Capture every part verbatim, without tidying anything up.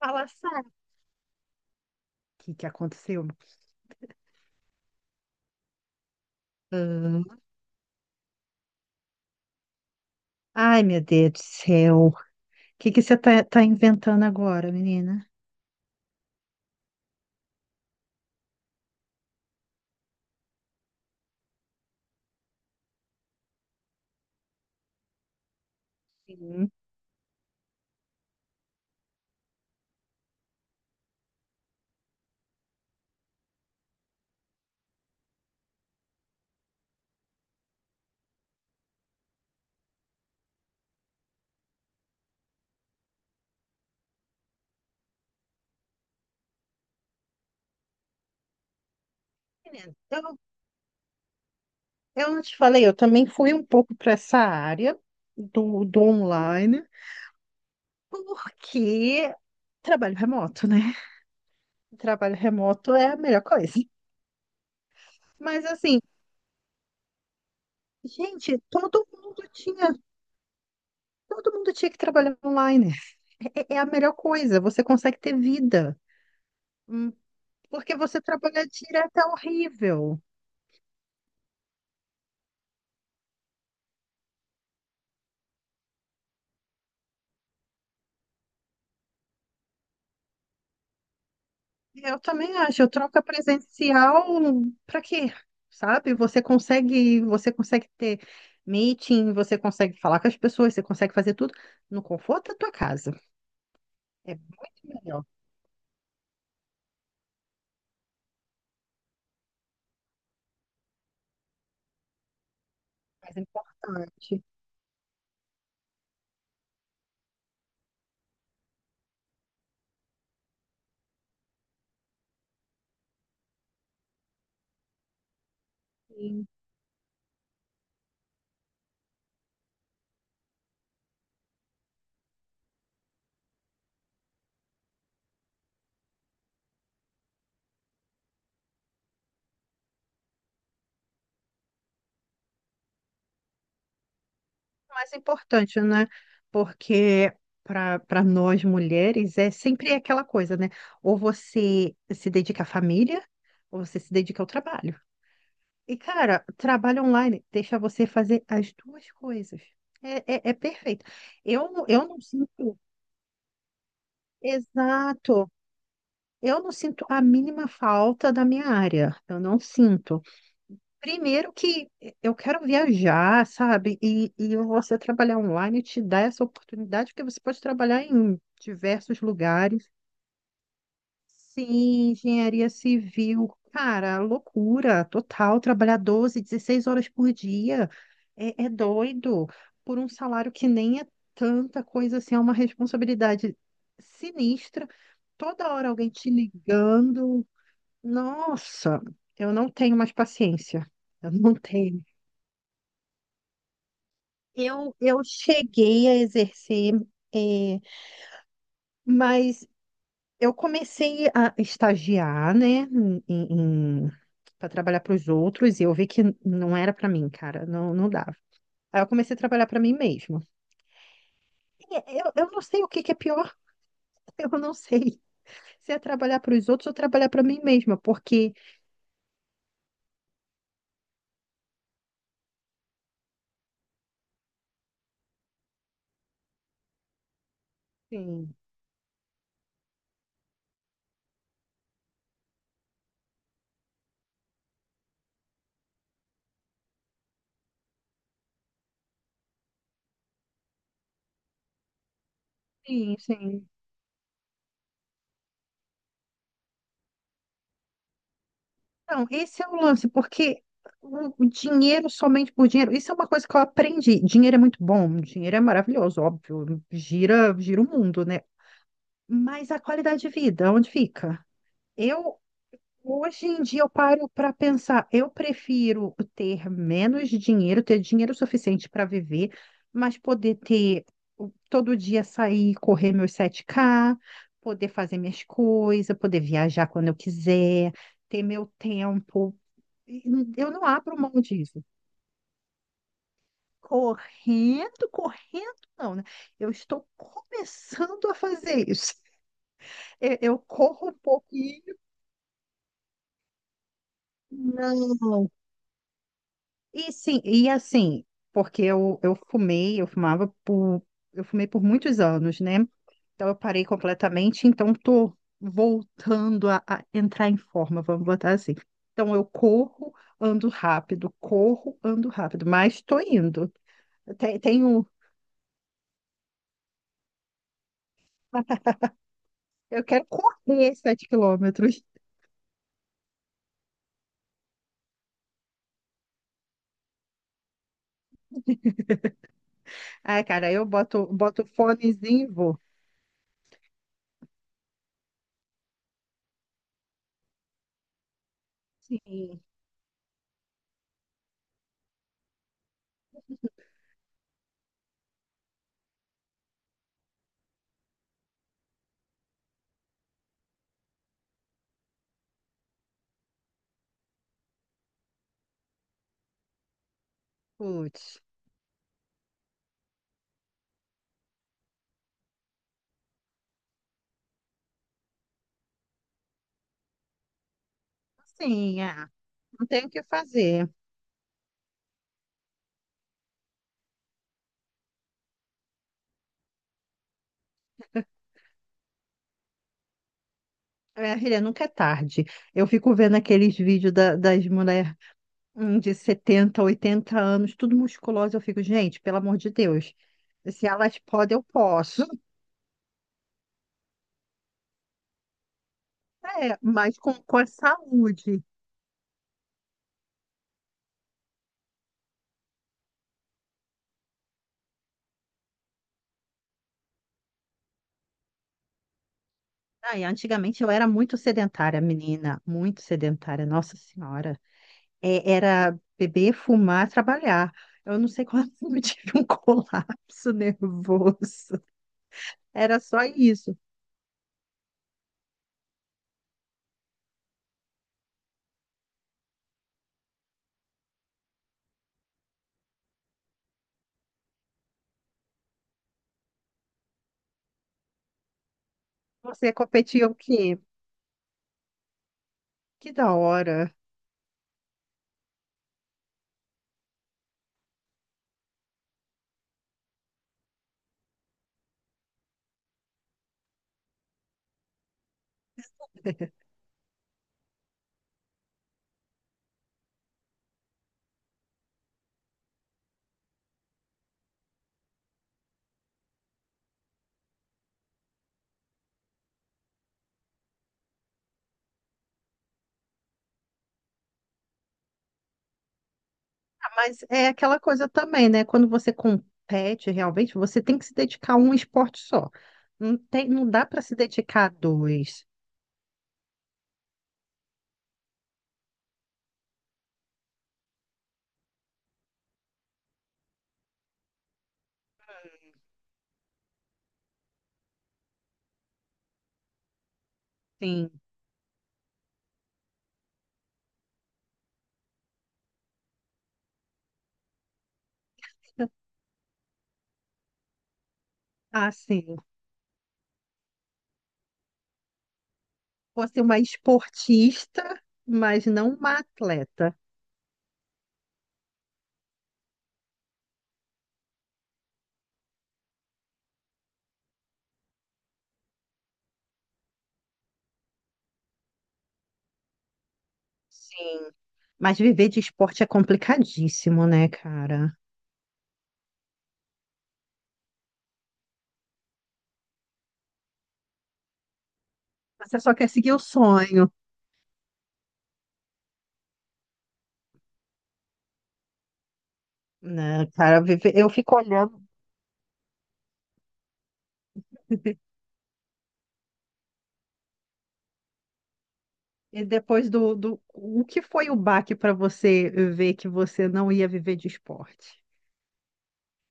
Fala, Sara. O que que aconteceu? Hum. Ai, meu Deus do céu. O que que você tá, tá inventando agora, menina? Sim. Menina, Eu, eu não te falei, eu também fui um pouco para essa área do, do online, porque trabalho remoto, né? Trabalho remoto é a melhor coisa. Mas assim, gente, todo mundo tinha, todo mundo tinha que trabalhar online. É, é é a melhor coisa, você consegue ter vida. Porque você trabalha direto é horrível. Eu também acho, eu troca presencial para quê? Sabe? Você consegue, você consegue ter meeting, você consegue falar com as pessoas, você consegue fazer tudo no conforto da tua casa. É muito melhor, mais importante. E mais importante, né? Porque para para nós mulheres é sempre aquela coisa, né? Ou você se dedica à família, ou você se dedica ao trabalho. E, cara, trabalho online deixa você fazer as duas coisas. É, é, é perfeito. Eu, não- eu não sinto. Exato. Eu não sinto a mínima falta da minha área. Eu não sinto. Primeiro que eu quero viajar, sabe? E, e você trabalhar online te dá essa oportunidade, porque você pode trabalhar em diversos lugares. Sim, engenharia civil. Cara, loucura total. Trabalhar doze, dezesseis horas por dia é, é doido. Por um salário que nem é tanta coisa assim, é uma responsabilidade sinistra. Toda hora alguém te ligando. Nossa, eu não tenho mais paciência. Eu não tenho. Eu, eu cheguei a exercer, é, mas eu comecei a estagiar, né, em, para trabalhar para os outros e eu vi que não era para mim, cara, não, não dava. Aí eu comecei a trabalhar para mim mesma. E Eu, eu não sei o que que é pior, eu não sei se é trabalhar para os outros ou trabalhar para mim mesma, porque sim, sim, sim. Não, esse é o lance, porque o o dinheiro somente por dinheiro, isso é uma coisa que eu aprendi. Dinheiro é muito bom, dinheiro é maravilhoso, óbvio, gira, gira o mundo, né? Mas a qualidade de vida, onde fica? Eu, Hoje em dia eu paro para pensar, eu prefiro ter menos dinheiro, ter dinheiro suficiente para viver, mas poder ter o- todo dia sair, correr meus sete ká, poder fazer minhas coisas, poder viajar quando eu quiser, ter meu tempo. E eu não abro mão disso. Correndo, correndo não, né? Eu estou começando a fazer isso. Eu, eu corro um pouquinho. Não. E sim, e assim, porque eu, eu fumei, eu fumava por, eu fumei por muitos anos, né? Então eu parei completamente, então tô voltando a, a entrar em forma, vamos botar assim. Então eu corro, ando rápido, corro, ando rápido, mas tô indo. Eu te- tenho, eu quero correr sete quilômetros. Ah, cara, eu boto, boto o fonezinho e vou. Sim, putz. Sim, ah, não tenho o que fazer. É, filha, nunca é tarde. Eu fico vendo aqueles vídeos da- das mulheres de setenta, oitenta anos, tudo musculosa. Eu fico, gente, pelo amor de Deus, se elas podem, eu posso. É, mas com, com a saúde. Ai, antigamente eu era muito sedentária, menina, muito sedentária, Nossa Senhora. É, era beber, fumar, trabalhar. Eu não sei quando eu tive um colapso nervoso. Era só isso. Você competia o quê? Que da hora. Mas é aquela coisa também, né? Quando você compete realmente, você tem que se dedicar a um esporte só. Não tem, não dá para se dedicar a dois. Sim. Assim, fosse uma esportista, mas não uma atleta. Sim. Mas viver de esporte é complicadíssimo, né, cara? Você só quer seguir o sonho, né, cara? Viver- Eu fico olhando. E depois do, do... O que foi o baque para você ver que você não ia viver de esporte?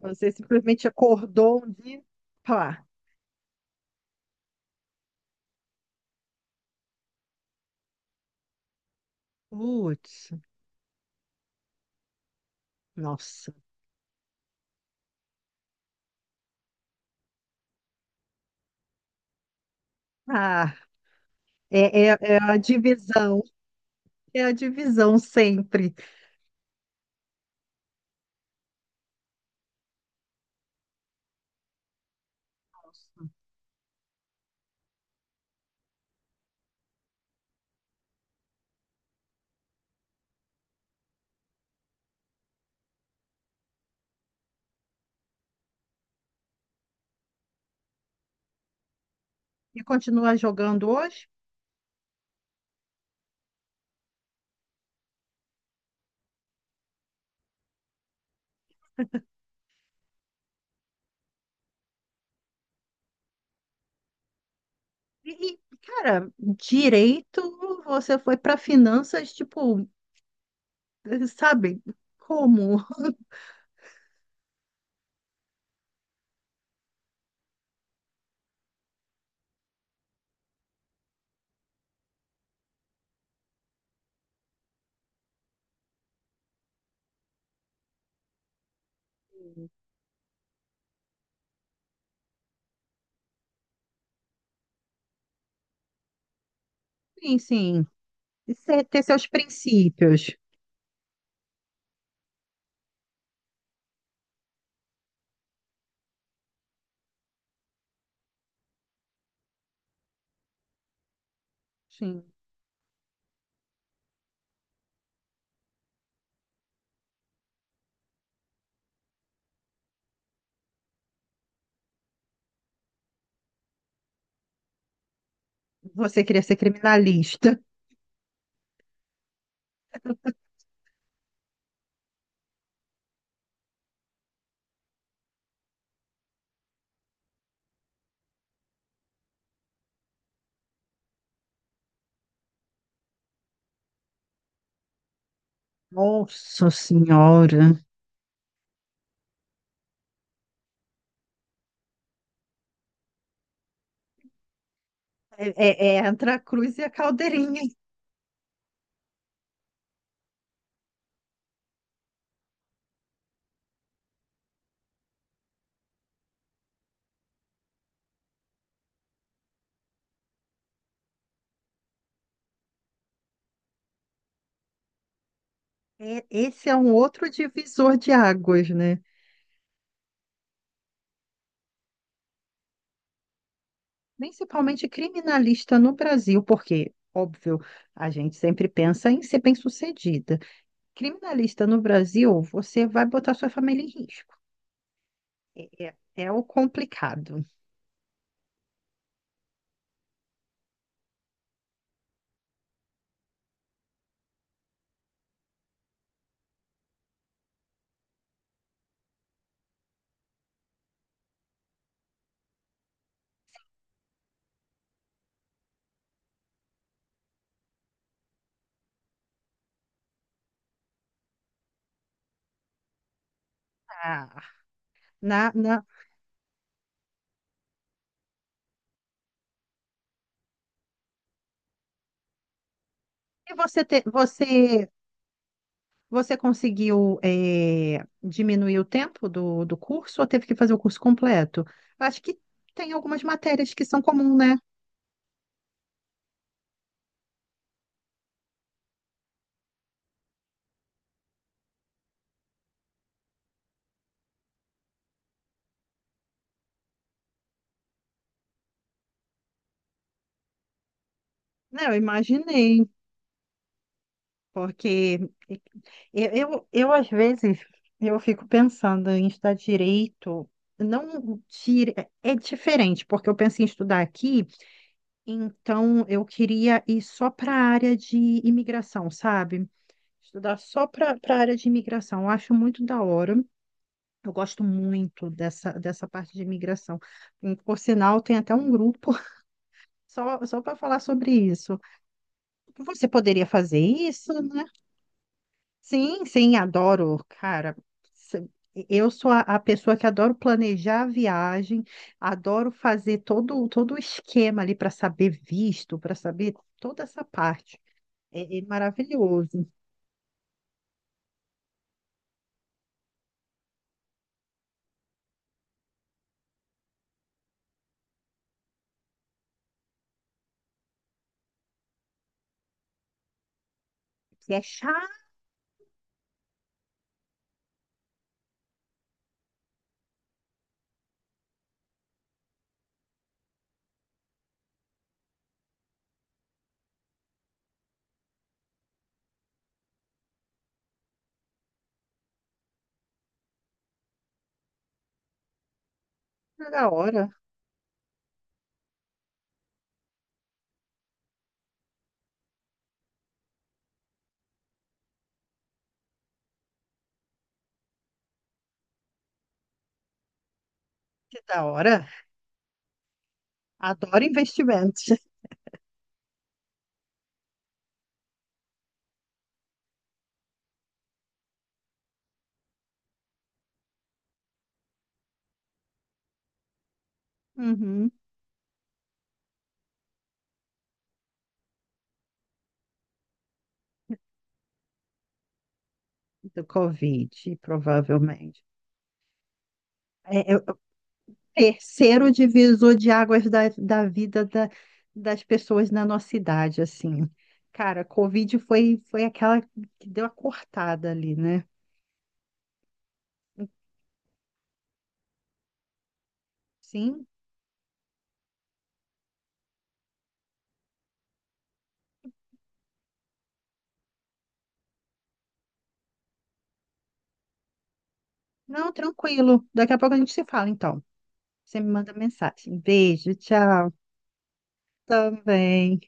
Você simplesmente acordou um dia e pá, putz, nossa. Ah, é, é, é a divisão, é a divisão sempre. E continua jogando hoje? E, e, cara, direito, você foi para finanças, tipo, sabe, como? Sim, sim, você ter seus princípios. Sim, você queria ser criminalista. Nossa Senhora. É, é- é entre a cruz e a caldeirinha. É, esse é um outro divisor de águas, né? Principalmente criminalista no Brasil, porque, óbvio, a gente sempre pensa em ser bem-sucedida. Criminalista no Brasil, você vai botar sua família em risco. É, é- é o complicado. Ah, na, na... E você, te- você, você conseguiu é, diminuir o tempo do, do curso ou teve que fazer o curso completo? Acho que tem algumas matérias que são comuns, né? Não, eu imaginei. Porque eu, eu, eu, às vezes, eu fico pensando em estudar direito, não dire... é diferente, porque eu pensei em estudar aqui, então eu queria ir só para a área de imigração, sabe? Estudar só para a área de imigração. Eu acho muito da hora. Eu gosto muito dessa, dessa parte de imigração. E, por sinal, tem até um grupo só, só para falar sobre isso. Você poderia fazer isso? Né? Sim, sim, adoro, cara. Se- Eu sou a, a pessoa que adoro planejar a viagem, adoro fazer todo, todo o esquema ali para saber visto, para saber toda essa parte. É, é maravilhoso. E é chato da hora, que da hora. Adoro investimentos. Uhum, do Covid, provavelmente. É, terceiro divisor de águas da, da vida da- das pessoas na nossa idade, assim. Cara, Covid foi, foi aquela que deu a cortada ali, né? Sim? Não, tranquilo. Daqui a pouco a gente se fala, então. Você me manda mensagem. Beijo, tchau. Também.